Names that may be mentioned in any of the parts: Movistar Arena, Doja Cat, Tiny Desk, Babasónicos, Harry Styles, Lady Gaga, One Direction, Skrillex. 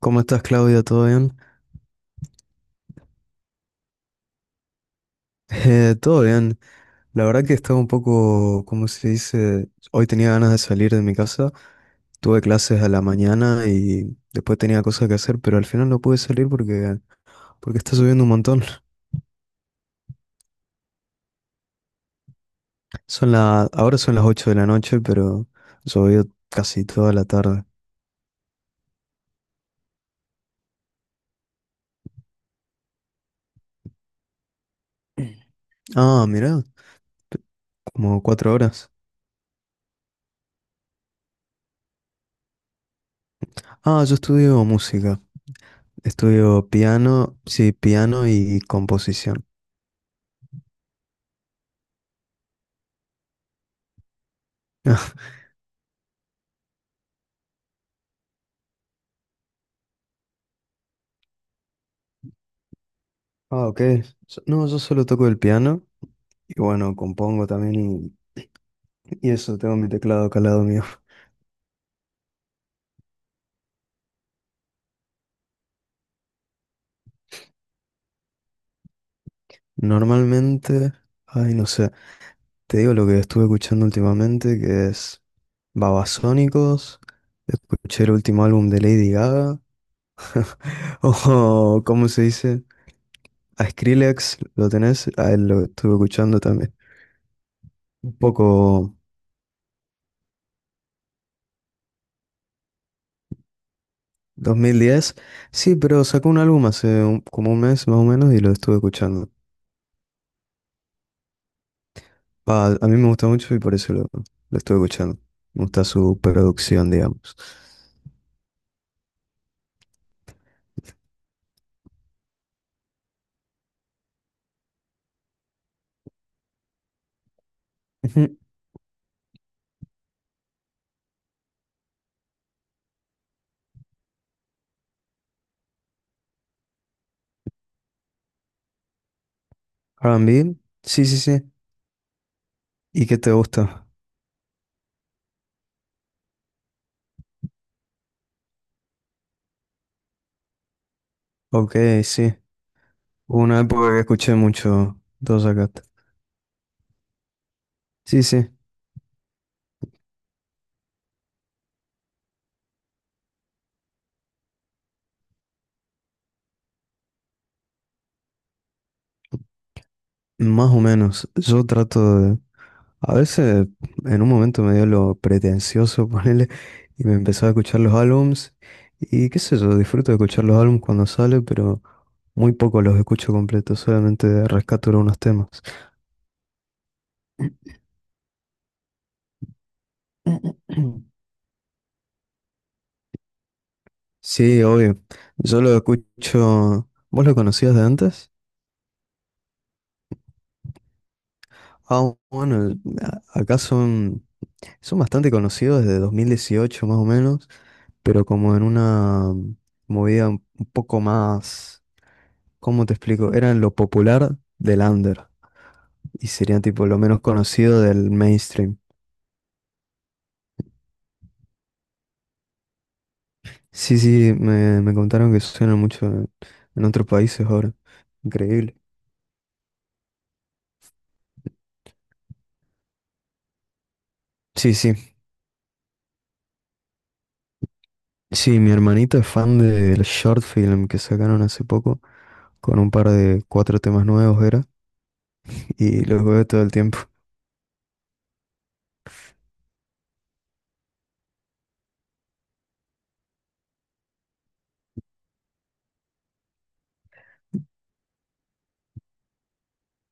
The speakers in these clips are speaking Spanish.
¿Cómo estás, Claudia? ¿Todo bien? Todo bien. La verdad que estaba un poco, ¿cómo se dice? Hoy tenía ganas de salir de mi casa. Tuve clases a la mañana y después tenía cosas que hacer, pero al final no pude salir porque está lloviendo un montón. Ahora son las 8 de la noche, pero llovió casi toda la tarde. Ah, mirá, como 4 horas. Ah, yo estudio música. Estudio piano, sí, piano y composición. Ah, ok. No, yo solo toco el piano. Y bueno, compongo también y eso, tengo mi teclado acá al lado mío. Normalmente, ay, no sé, te digo lo que estuve escuchando últimamente, que es Babasónicos. Escuché el último álbum de Lady Gaga. O ¿cómo se dice? A Skrillex, ¿lo tenés? A él lo estuve escuchando también. Un poco 2010, sí, pero sacó un álbum hace como un mes más o menos y lo estuve escuchando. Ah, a mí me gusta mucho y por eso lo estoy escuchando. Me gusta su producción, digamos. Ujú. R&B, sí, sí, sí. ¿Y qué te gusta? Ok, sí. Hubo una época que escuché mucho Doja Cat. Sí, sí, más o menos. Yo trato de, a veces en un momento me dio lo pretencioso, ponerle y me empezó a escuchar los álbums. Y qué sé yo, disfruto de escuchar los álbums cuando sale, pero muy poco los escucho completos, solamente rescato algunos temas. Sí, obvio. Yo lo escucho. ¿Vos lo conocías de antes? Ah, bueno, acá son bastante conocidos desde 2018 más o menos, pero como en una movida un poco más. ¿Cómo te explico? Eran lo popular del under y serían tipo lo menos conocido del mainstream. Sí, sí, me contaron que suenan mucho en otros países ahora. Increíble. Sí, sí. Sí, mi hermanito es fan del short film que sacaron hace poco con un par de cuatro temas nuevos era y los veo todo el tiempo.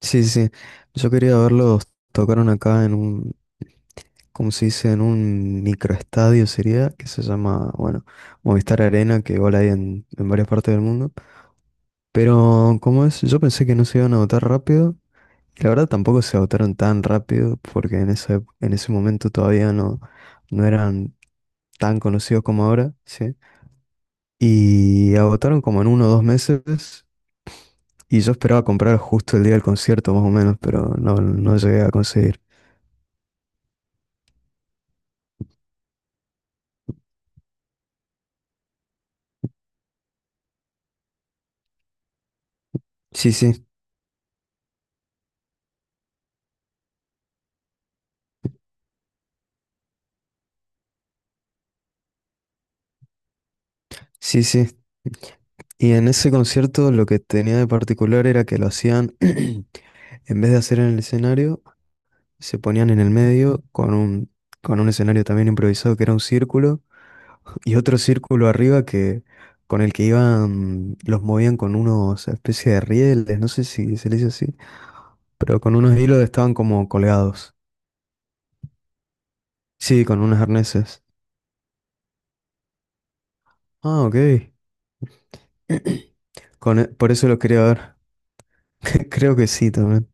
Sí, sí. Sí. Yo quería verlos, tocaron acá en un, como se dice, en un microestadio sería, que se llama, bueno, Movistar Arena, que igual hay en varias partes del mundo. Pero, ¿cómo es? Yo pensé que no se iban a votar rápido. Y la verdad tampoco se votaron tan rápido, porque en ese momento todavía no eran tan conocidos como ahora, ¿sí? Y agotaron como en 1 o 2 meses. Y yo esperaba comprar justo el día del concierto, más o menos, pero no llegué a conseguir. Sí, sí, sí, sí. Y en ese concierto lo que tenía de particular era que lo hacían, en vez de hacer en el escenario, se ponían en el medio con un escenario también improvisado que era un círculo y otro círculo arriba que con el que iban, los movían con unos especie de rieles, no sé si se le dice así, pero con unos hilos estaban como colgados. Sí, con unos arneses. Ah, ok. Con, por eso los quería ver. Creo que sí también.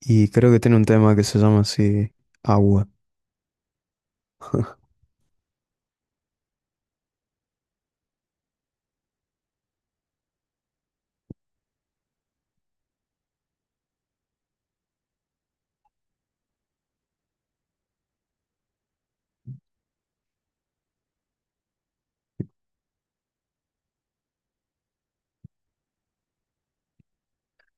Y creo que tiene un tema que se llama así, Agua.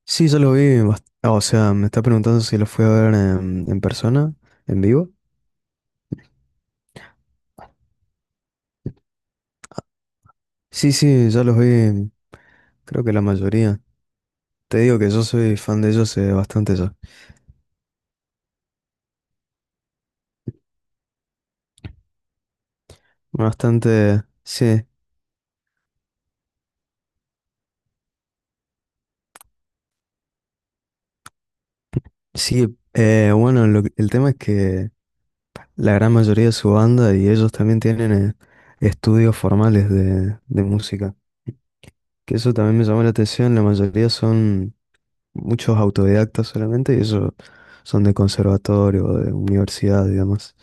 Sí, yo lo vi. O sea, me está preguntando si lo fui a ver en persona, en vivo. Sí, sí, ya los vi, creo que la mayoría. Te digo que yo soy fan de ellos bastante ya. Bastante, sí. Sí, bueno, el tema es que la gran mayoría de su banda y ellos también tienen estudios formales de música. Que eso también me llamó la atención, la mayoría son muchos autodidactas solamente y ellos son de conservatorio, de universidad y demás.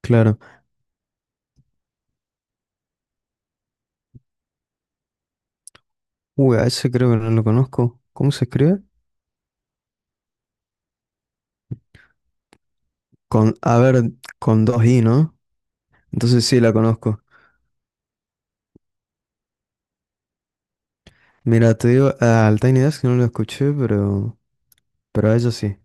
Claro. Uy, a ese creo que no lo conozco. ¿Cómo se escribe? Con, a ver, con dos i, ¿no? Entonces sí la conozco. Mira, te digo, al Tiny Desk no lo escuché, pero a ella sí.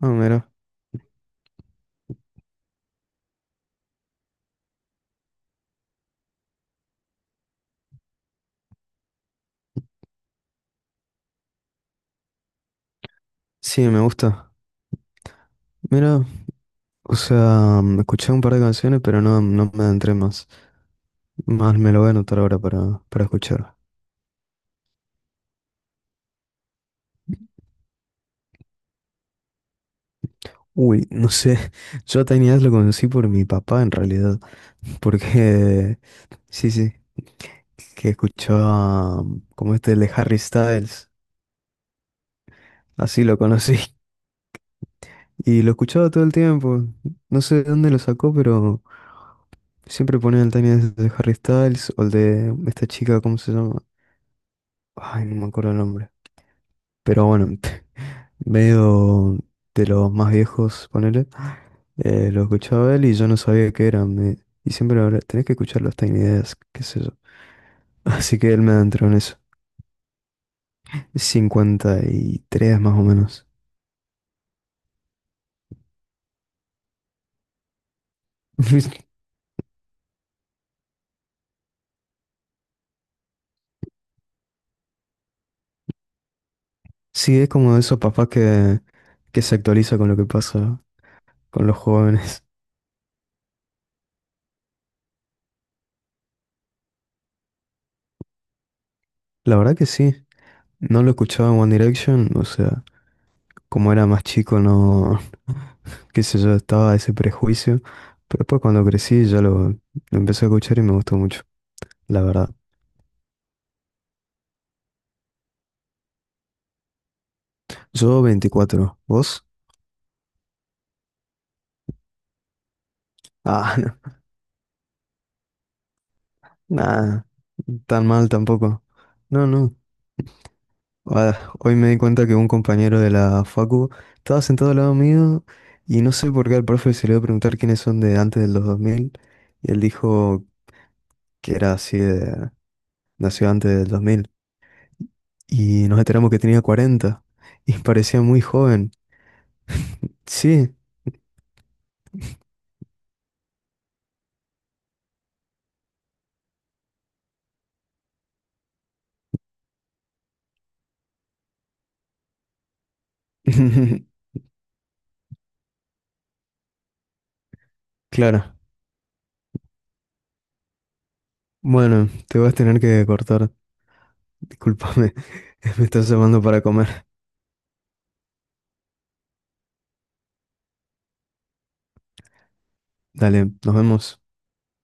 Ah, mira. Sí, me gusta. Mira, o sea, escuché un par de canciones, pero no me adentré más. Más me lo voy a anotar ahora para escuchar. Uy, no sé. Yo a Tiny Desk lo conocí por mi papá, en realidad. Porque, sí, sí, que escuchaba como este de Harry Styles. Así lo conocí. Y lo escuchaba todo el tiempo. No sé de dónde lo sacó, pero siempre ponía el tema de Harry Styles o el de esta chica, ¿cómo se llama? Ay, no me acuerdo el nombre. Pero bueno, medio de los más viejos, ponele. Lo escuchaba él y yo no sabía qué era. Y siempre lo hablaba, tenés que escuchar los Tiny Desk, qué sé yo. Así que él me adentró en eso. 53 más o menos. Sí, es como de esos papás que se actualiza con lo que pasa con los jóvenes. La verdad que sí, no lo escuchaba en One Direction, o sea, como era más chico, no, qué sé yo, estaba ese prejuicio, pero después cuando crecí ya lo empecé a escuchar y me gustó mucho, la verdad. Yo 24, ¿vos? Ah, no, nada, tan mal tampoco. No, no. Ah, hoy me di cuenta que un compañero de la facu estaba sentado al lado mío y no sé por qué al profe se le iba a preguntar quiénes son de antes del 2000 y él dijo que era así de, nació antes del 2000 y nos enteramos que tenía 40 y parecía muy joven. Sí, claro. Bueno, te vas a tener que cortar. Discúlpame, me estás llamando para comer. Dale, nos vemos.